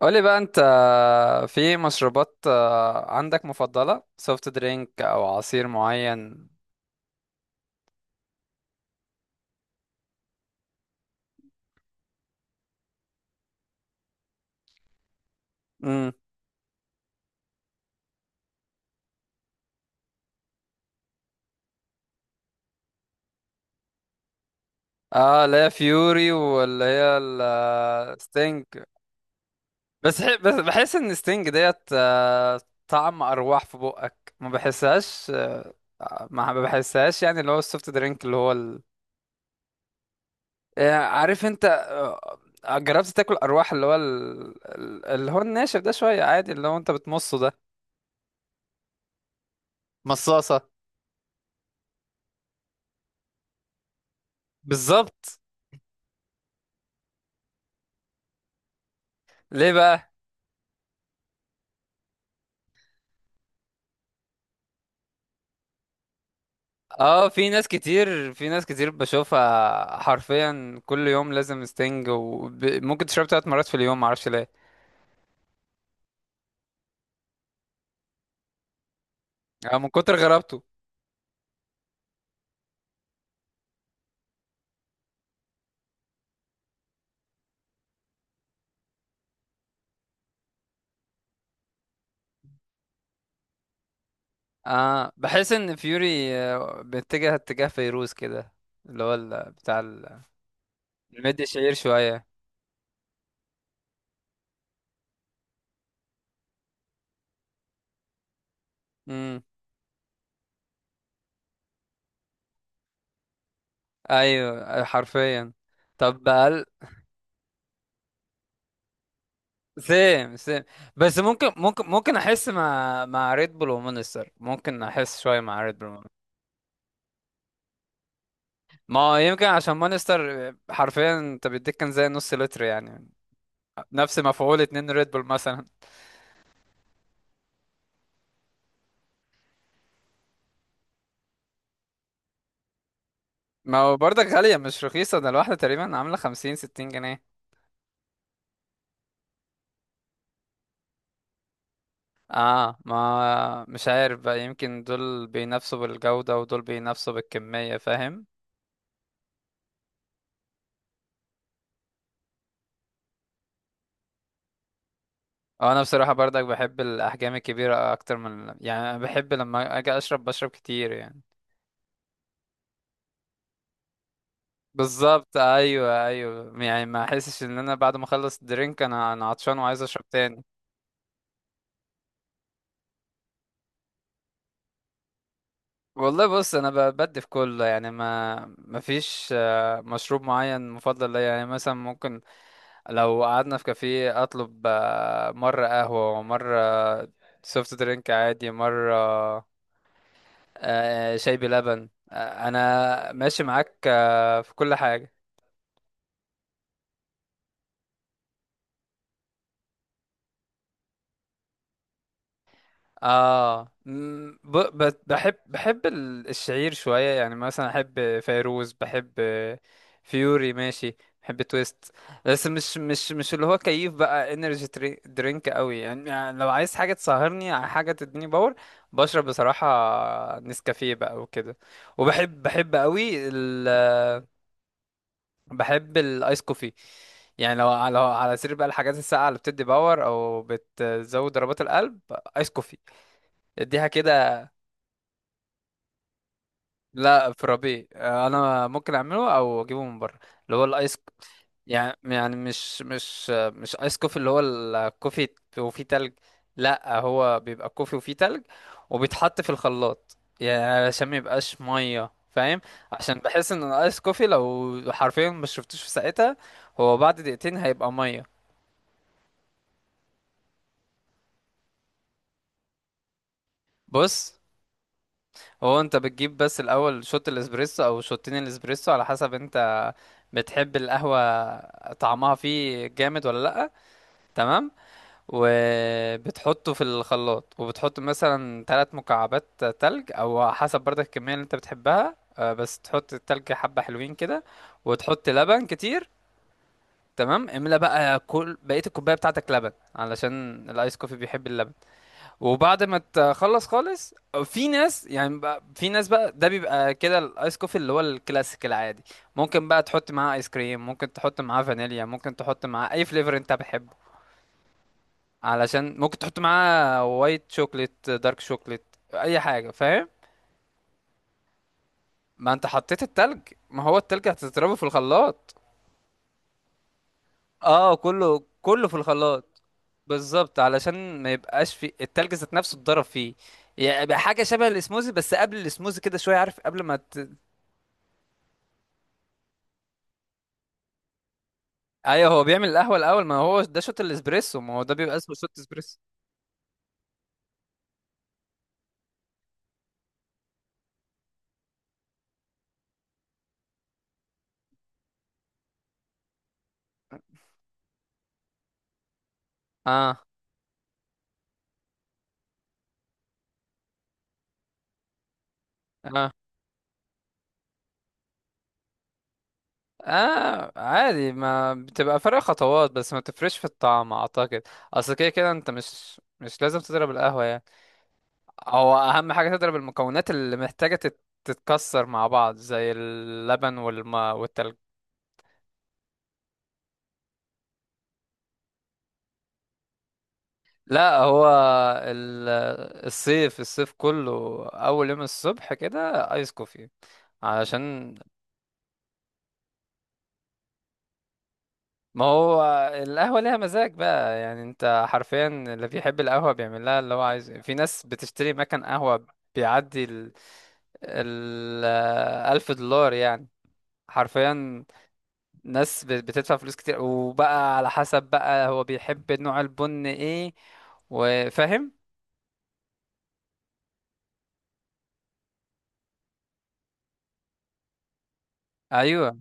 قولي بقى انت. في مشروبات، عندك مفضلة سوفت درينك او عصير معين؟ امم. اه، لا، فيوري واللي هي الستينج. بس بحس ان ستينج ديت، طعم ارواح في بقك ما بحسهاش، ما بحسهاش. يعني اللي هو السوفت درينك اللي هو ال... يعني عارف انت، جربت تاكل ارواح اللي هو ال... اللي هو الناشف ده شوية عادي اللي هو انت بتمصه ده. مصاصة. بالظبط. ليه بقى؟ اه، في ناس كتير بشوفها حرفيا كل يوم لازم ستينج، وممكن تشرب 3 مرات في اليوم، معرفش ليه. اه، من كتر غرابته. اه، بحس ان فيوري بيتجه اتجاه فيروز كده، اللي هو بتاع المد الشهير شوية. امم. ايوه، حرفيا. طب بقى، سيم سيم. بس ممكن احس مع ريد بول ومونستر، ممكن احس شوية مع ريد بول. ما هو يمكن عشان مانستر حرفيا انت بيديك كان زي نص لتر يعني، نفس مفعول 2 ريد بول مثلا. ما هو برضك غالية، مش رخيصة، ده الواحدة تقريبا عاملة 50 60 جنيه. اه، ما مش عارف بقى، يمكن دول بينافسوا بالجودة ودول بينافسوا بالكمية، فاهم؟ اه، انا بصراحة برضك بحب الاحجام الكبيرة اكتر من يعني، أنا بحب لما اجي اشرب بشرب كتير يعني. بالظبط، ايوه، ايوه. يعني ما احسش ان انا بعد ما اخلص الدرينك انا عطشان وعايز اشرب تاني. والله بص، انا بدي في كله يعني، ما فيش مشروب معين مفضل ليا. يعني مثلا ممكن لو قعدنا في كافيه اطلب مره قهوه ومره سوفت درينك عادي، مره شاي بلبن، انا ماشي معاك في كل حاجه. اه م، ب... ب... بحب بحب الشعير شوية، يعني مثلا احب فيروز، بحب فيوري ماشي، بحب تويست. بس مش اللي هو كيف بقى انرجي درينك قوي يعني. يعني لو عايز حاجة تسهرني، على حاجة تديني باور، بشرب بصراحة نسكافيه بقى وكده. بحب قوي ال... بحب الايس كوفي. يعني لو على سير بقى الحاجات الساقعة اللي بتدي باور او بتزود ضربات القلب، ايس كوفي، اديها كده. لا، في ربيع انا ممكن اعمله او اجيبه من بره، اللي هو الايس. مش ايس كوفي اللي هو الكوفي وفيه تلج. لا، هو بيبقى كوفي وفيه تلج وبيتحط في الخلاط يعني، علشان ما يبقاش ميه، فاهم؟ عشان بحس ان الايس كوفي لو حرفيا ما شربتوش في ساعتها هو بعد دقيقتين هيبقى ميه. بص، هو انت بتجيب بس الاول شوت الاسبريسو او شوتين الاسبريسو، على حسب انت بتحب القهوة طعمها فيه جامد ولا لأ. تمام. وبتحطه في الخلاط، وبتحط مثلا 3 مكعبات تلج او حسب برضك الكمية اللي انت بتحبها، بس تحط التلج حبة حلوين كده، وتحط لبن كتير. تمام، املى بقى كل بقية الكوباية بتاعتك لبن، علشان الايس كوفي بيحب اللبن. وبعد ما تخلص خالص، في ناس بقى، ده بيبقى كده الايس كوفي اللي هو الكلاسيك العادي. ممكن بقى تحط معاه ايس كريم، ممكن تحط معاه فانيليا، ممكن تحط معاه اي فليفر انت بتحبه. علشان ممكن تحط معاه وايت شوكليت، دارك شوكليت، اي حاجه، فاهم؟ ما انت حطيت التلج، ما هو التلج هتضربه في الخلاط. اه، كله كله في الخلاط، بالظبط، علشان ما يبقاش في التلج ذات نفسه اتضرب فيه. يعني يبقى حاجه شبه الاسموزي، بس قبل الاسموزي كده شويه، عارف؟ قبل ما ت... ايوه، هو بيعمل القهوه الاول، ما هو ده شوت الاسبريسو، ما هو ده بيبقى اسمه شوت اسبريسو. اه، اه، اه، عادي، ما بتبقى فرق خطوات بس ما بتفرقش في الطعم اعتقد. اصل كده كده انت مش مش لازم تضرب القهوه يعني. هو اهم حاجه تضرب المكونات اللي محتاجه تتكسر مع بعض زي اللبن والماء والتلج. لا، ال- الصيف الصيف كله، اول يوم الصبح كده ايس كوفي علشان. ما هو القهوة ليها مزاج بقى يعني، انت حرفيا اللي بيحب القهوة بيعمل لها اللي هو عايزه. في ناس بتشتري مكان قهوة بيعدي ال ال 1000 دولار يعني، حرفيا. ناس بتدفع فلوس كتير، وبقى على حسب بقى هو بيحب نوع البن ايه، وفاهم. ايوه،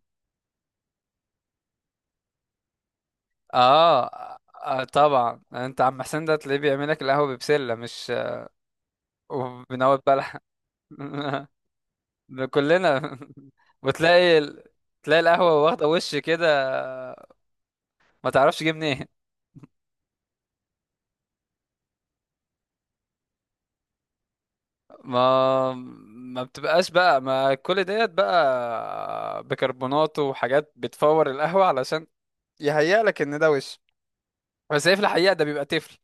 اه، طبعا انت عم حسين ده تلاقيه بيعمل لك القهوة ببسلة، مش وبنوت بلح. كلنا وتلاقي ال... تلاقي القهوة واخدة وش كده، ما تعرفش جه منين. ما ما بتبقاش بقى ما كل ديت بقى بيكربونات وحاجات بتفور القهوة، علشان يهيأ لك ان ده وش، بس هي في الحقيقة ده بيبقى تفل،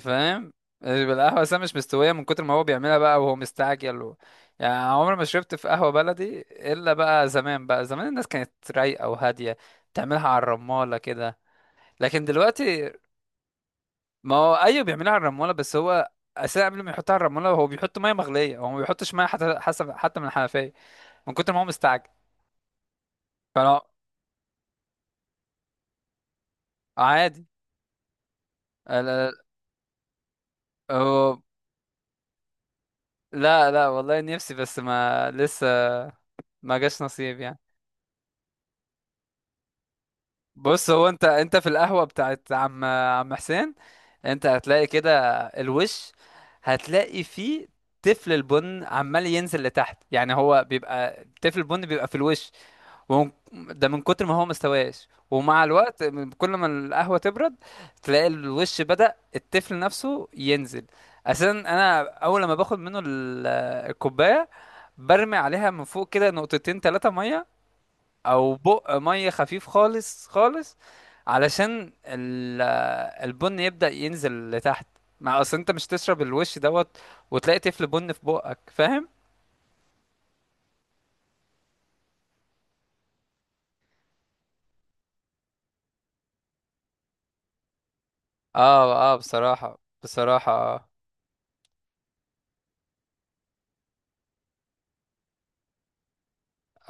فاهم؟ بيبقى القهوة أساسا مش مستوية، من كتر ما هو بيعملها بقى وهو مستعجل و... يعني عمري ما شربت في قهوة بلدي، إلا بقى زمان، بقى زمان الناس كانت رايقة وهادية، تعملها على الرمالة كده. لكن دلوقتي، ما هو ايوه بيعملها على الرموله، بس هو اساسا قبل ما يحطها على الرموله هو بيحط ميه مغليه، هو ما بيحطش ميه حتى، حسب، حتى من الحنفيه، من كتر ما هو مستعجل. فانا عادي. لا لا، هو- لا، لا، والله نفسي، بس ما لسه ما جاش نصيب يعني. بص، هو انت في القهوه بتاعت عم حسين انت هتلاقي كده الوش. هتلاقي فيه تفل البن عمال ينزل لتحت، يعني هو بيبقى تفل البن بيبقى في الوش، وهو ده من كتر ما هو مستواش. ومع الوقت كل ما القهوة تبرد تلاقي الوش بدأ التفل نفسه ينزل. اساسا انا اول لما باخد منه الكوباية، برمي عليها من فوق كده نقطتين ثلاثة مية، او بق مية خفيف خالص خالص، علشان البن يبدأ ينزل لتحت، مع اصل انت مش تشرب الوش دوت وتلاقي تفل بن في بقك، فاهم؟ اه، اه، بصراحة، بصراحة آه.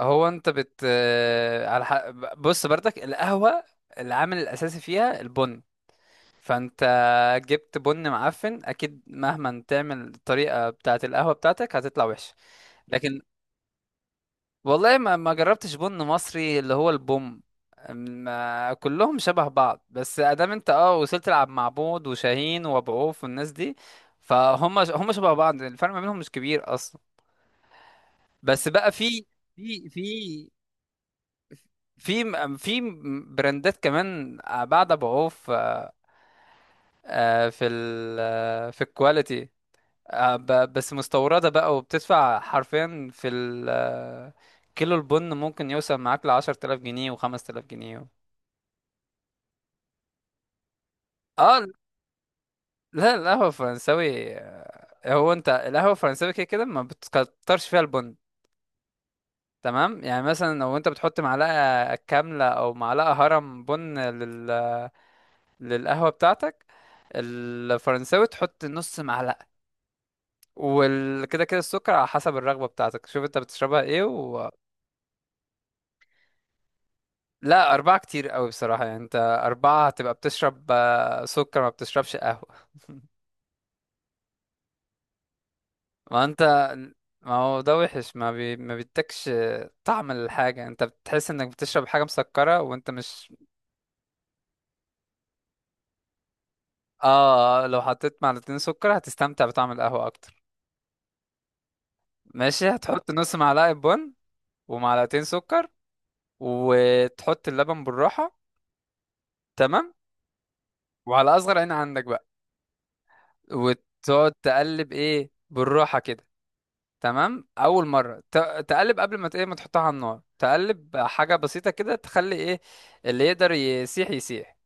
هو انت بت على ح... بص برضك القهوة العامل الأساسي فيها البن. فانت جبت بن معفن، أكيد مهما تعمل الطريقة بتاعة القهوة بتاعتك هتطلع وحشة. لكن والله ما ما جربتش بن مصري اللي هو البوم ما كلهم شبه بعض، بس ادام انت اه وصلت تلعب مع بود وشاهين وابو عوف والناس دي، فهم هم شبه بعض، الفرق ما بينهم مش كبير اصلا. بس بقى في في في براندات كمان بعد بعوف في في ال في الكواليتي. ب- بس مستوردة بقى، وبتدفع حرفيا في ال كيلو البن ممكن يوصل معاك ل 10000 جنيه و 5 تلاف جنيه. اه، لا، القهوة الفرنساوي هو انت القهوة الفرنساوي كده كده ما بتكترش فيها البن. تمام، يعني مثلا لو انت بتحط معلقة كاملة او معلقة هرم بن لل للقهوة بتاعتك الفرنساوي، تحط نص معلقة. وكده كده السكر على حسب الرغبة بتاعتك، شوف انت بتشربها ايه و... لا، أربعة كتير قوي بصراحة يعني انت، أربعة هتبقى بتشرب سكر، ما بتشربش قهوة. ما انت، ما هو ده وحش، ما بي... ما بيدكش طعم الحاجة، انت بتحس انك بتشرب حاجة مسكرة وانت مش. اه، لو حطيت معلقتين سكر هتستمتع بطعم القهوة اكتر. ماشي، هتحط نص معلقة بن ومعلقتين سكر، وتحط اللبن بالراحة. تمام، وعلى أصغر عين عندك بقى، وتقعد تقلب إيه بالراحة كده. تمام، أول مرة تقلب قبل ما إيه، ما تحطها على النار، تقلب حاجة بسيطة كده تخلي إيه اللي يقدر يسيح يسيح،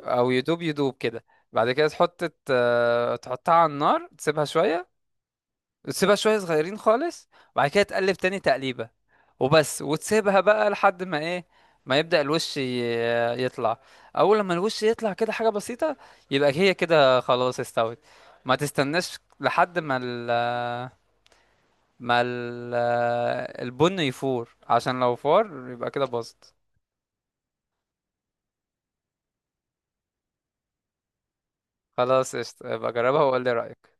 أو يدوب يدوب كده. بعد كده تحط تحطها على النار تسيبها شوية، تسيبها شوية صغيرين خالص، وبعد كده تقلب تاني تقليبة، وبس، وتسيبها بقى لحد ما ايه ما يبدأ الوش يطلع. اول لما الوش يطلع كده حاجة بسيطة يبقى هي كده خلاص استوت، ما تستناش لحد ما ال البن يفور، عشان لو فار يبقى كده باظت. خلاص، قشطة، يبقى جربها وقول لي رأيك.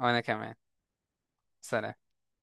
وانا كمان. سلام.